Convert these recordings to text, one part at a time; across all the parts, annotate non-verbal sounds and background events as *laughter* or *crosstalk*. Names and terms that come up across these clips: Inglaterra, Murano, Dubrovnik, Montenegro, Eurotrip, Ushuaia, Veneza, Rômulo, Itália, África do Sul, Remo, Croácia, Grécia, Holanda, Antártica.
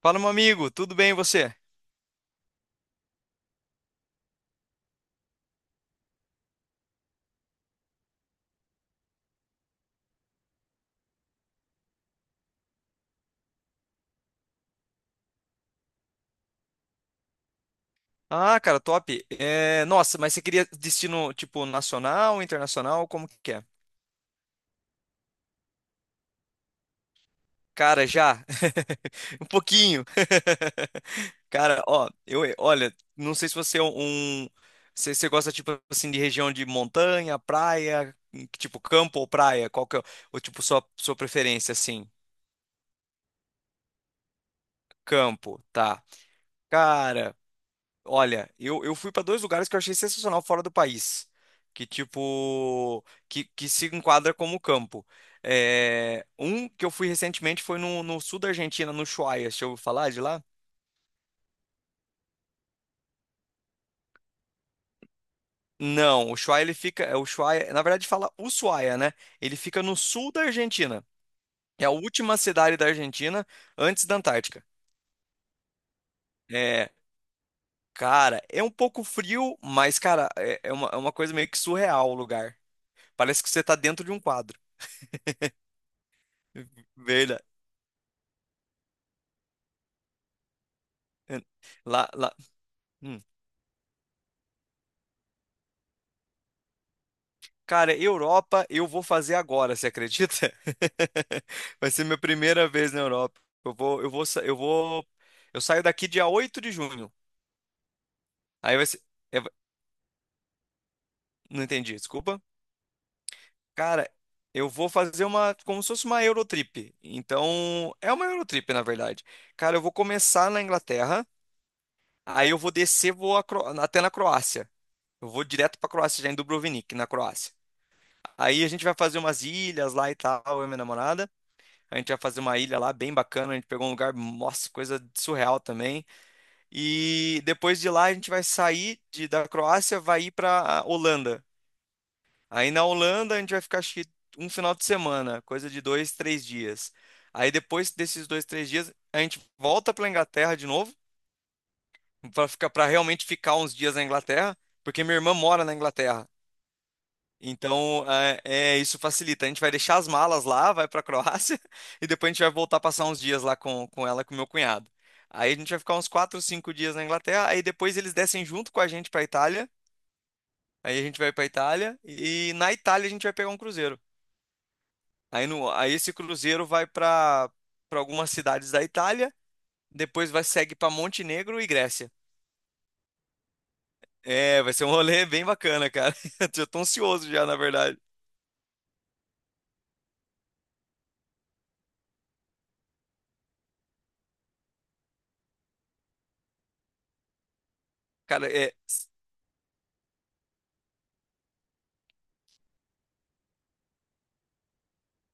Fala, meu amigo, tudo bem e você? Ah, cara, top. É, nossa, mas você queria destino tipo nacional, internacional, como que é? Cara, já. *laughs* Um pouquinho. *laughs* Cara, ó, eu, olha, não sei se você é um, se você gosta tipo assim de região de montanha, praia, tipo campo ou praia, qual que é o tipo sua preferência assim? Campo, tá. Cara, olha, eu fui para dois lugares que eu achei sensacional fora do país, que tipo, que se enquadra como campo. É, um que eu fui recentemente foi no sul da Argentina, no Ushuaia, deixa eu ouviu falar de lá? Não, o Ushuaia ele fica, é o Ushuaia, na verdade fala Ushuaia, né? Ele fica no sul da Argentina. É a última cidade da Argentina antes da Antártica. É, cara, é um pouco frio, mas cara, é uma coisa meio que surreal o lugar. Parece que você tá dentro de um quadro. *laughs* Verdade. É, lá, lá. Hum. Cara, Europa eu vou fazer agora, você acredita? *laughs* Vai ser minha primeira vez na Europa. Eu vou, sa- eu vou, eu saio daqui dia 8 de junho. Aí vai ser, é, va- não entendi, desculpa. Cara, eu vou fazer uma, como se fosse uma Eurotrip. Então, é uma Eurotrip, na verdade. Cara, eu vou começar na Inglaterra, aí eu vou descer, até na Croácia. Eu vou direto pra Croácia, já em Dubrovnik, na Croácia. Aí a gente vai fazer umas ilhas lá e tal, eu e minha namorada. A gente vai fazer uma ilha lá bem bacana. A gente pegou um lugar, nossa, coisa surreal também. E depois de lá a gente vai sair da Croácia, vai ir para Holanda. Aí na Holanda a gente vai ficar acho que um final de semana, coisa de dois, três dias. Aí depois desses dois, três dias a gente volta para Inglaterra de novo, para realmente ficar uns dias na Inglaterra, porque minha irmã mora na Inglaterra. Então, isso facilita. A gente vai deixar as malas lá, vai para a Croácia *laughs* e depois a gente vai voltar passar uns dias lá com ela, e com meu cunhado. Aí a gente vai ficar uns 4, 5 dias na Inglaterra, aí depois eles descem junto com a gente para Itália. Aí a gente vai para Itália e na Itália a gente vai pegar um cruzeiro. Aí, no, aí esse cruzeiro vai para algumas cidades da Itália, depois vai segue para Montenegro e Grécia. É, vai ser um rolê bem bacana, cara. *laughs* Eu tô ansioso já, na verdade. Cara, é.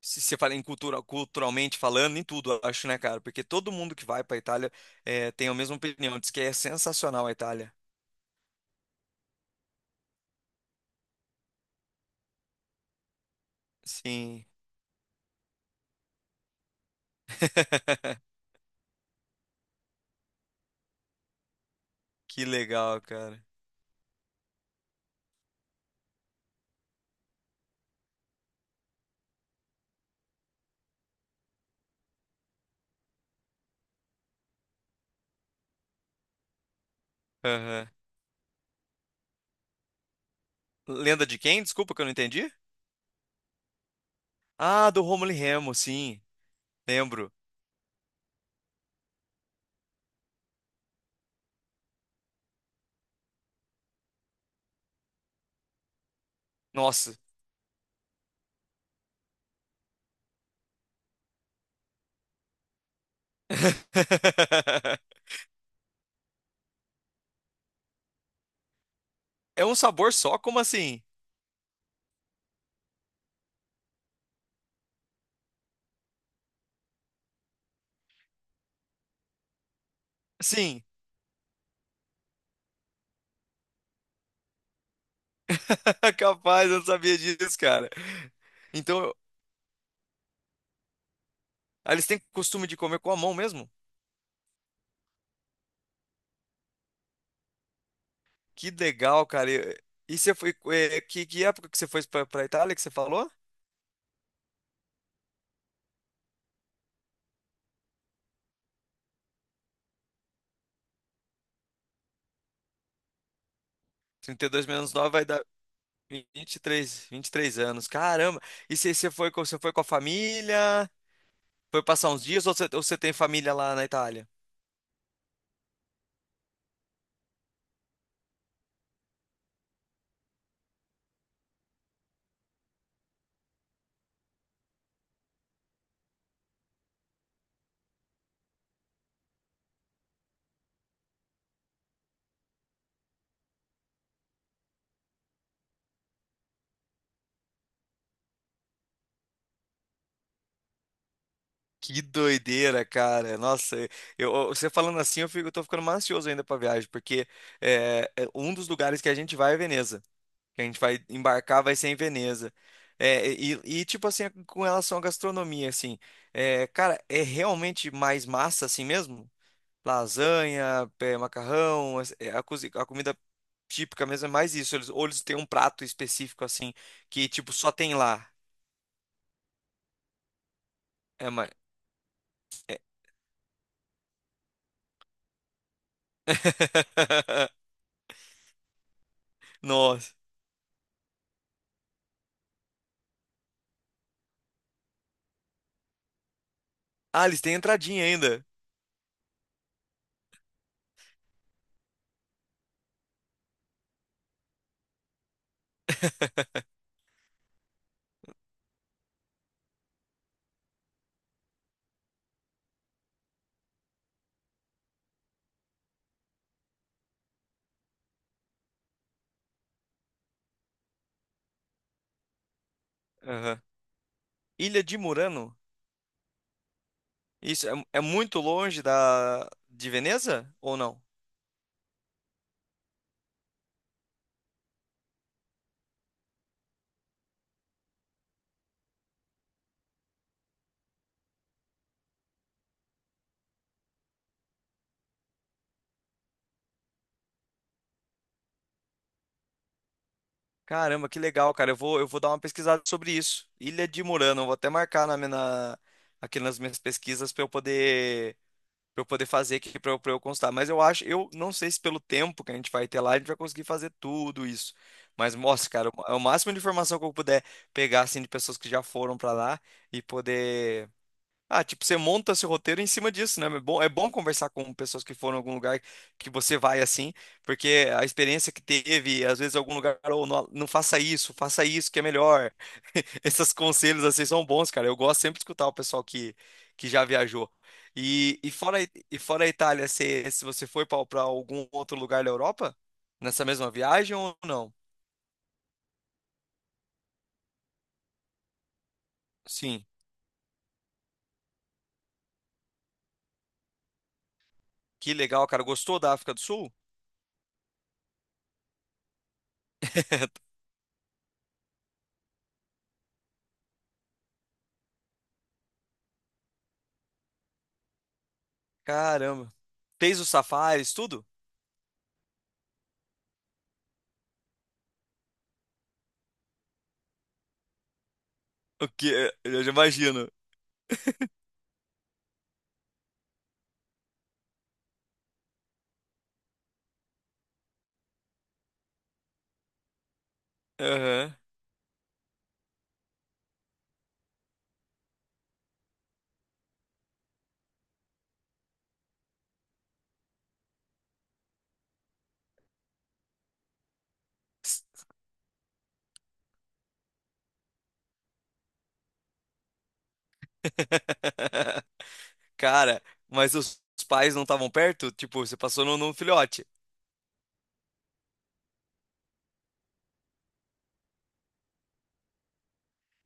Se você fala em cultura, culturalmente falando, em tudo, eu acho, né, cara? Porque todo mundo que vai pra Itália tem a mesma opinião, diz que é sensacional a Itália. Sim. *laughs* Que legal, cara. Aham. Lenda de quem? Desculpa que eu não entendi. Ah, do Rômulo e Remo, sim. Lembro. Nossa. *laughs* É um sabor só? Como assim? Sim. *laughs* Capaz, eu não sabia disso, cara. Então, eu- ah, eles têm costume de comer com a mão mesmo? Que legal, cara. E você foi. Que época que você foi pra Itália que você falou? 32 menos 9 vai dar vinte e três anos. Caramba! E você foi com a família? Foi passar uns dias ou você tem família lá na Itália? Que doideira, cara. Nossa, você falando assim, eu tô ficando mais ansioso ainda pra viagem, porque é um dos lugares que a gente vai é Veneza. Que a gente vai embarcar vai ser em Veneza. É, tipo assim, com relação à gastronomia, assim, é, cara, é realmente mais massa assim mesmo? Lasanha, é, macarrão, a comida típica mesmo é mais isso. Eles, ou eles têm um prato específico assim, que tipo só tem lá. É, mais... *laughs* Nossa. Ah, eles têm entradinha ainda. Aham. Ilha de Murano? Isso, é muito longe de Veneza ou não? Caramba, que legal, cara. Eu vou dar uma pesquisada sobre isso. Ilha de Murano, eu vou até marcar aqui nas minhas pesquisas para eu poder fazer aqui pra eu constar. Mas eu acho, eu não sei se pelo tempo que a gente vai ter lá, a gente vai conseguir fazer tudo isso. Mas, nossa, cara, é o máximo de informação que eu puder pegar assim de pessoas que já foram para lá e poder tipo, você monta seu roteiro em cima disso, né? É bom conversar com pessoas que foram em algum lugar que você vai assim, porque a experiência que teve, às vezes, em algum lugar, ou não, não faça isso, faça isso que é melhor. *laughs* Esses conselhos assim são bons, cara. Eu gosto sempre de escutar o pessoal que já viajou. E fora, e fora a Itália, se você foi para algum outro lugar da Europa, nessa mesma viagem ou não? Sim. Que legal, cara. Gostou da África do Sul? *laughs* Caramba. Fez os safaris, tudo? O que? É? Eu já imagino. Aham. *laughs* Cara, mas os pais não estavam perto? Tipo, você passou num filhote.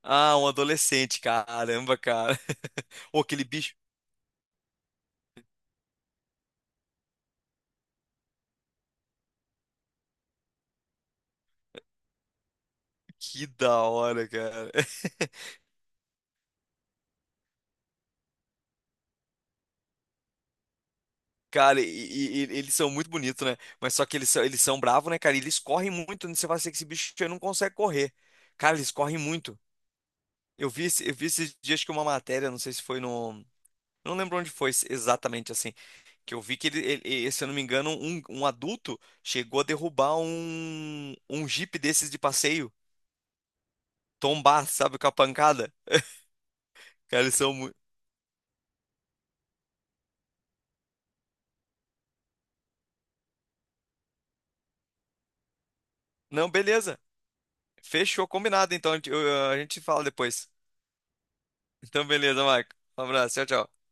Ah, um adolescente. Caramba, cara. *laughs* Ô, aquele bicho. Que da hora, cara. *laughs* Cara, eles são muito bonitos, né? Mas só que eles são bravos, né, cara? E eles correm muito, né? Você vai ser que esse bicho aí não consegue correr. Cara, eles correm muito. Eu vi, eu vi esses dias que uma matéria, não sei se foi no, não lembro onde foi exatamente assim. Que eu vi que se eu não me engano, um adulto chegou a derrubar um Jeep desses de passeio. Tombar, sabe, com a pancada. Cara, eles são muito. Não, beleza. Fechou, combinado. Então a gente fala depois. Então, beleza, Marco. Um abraço, tchau, tchau.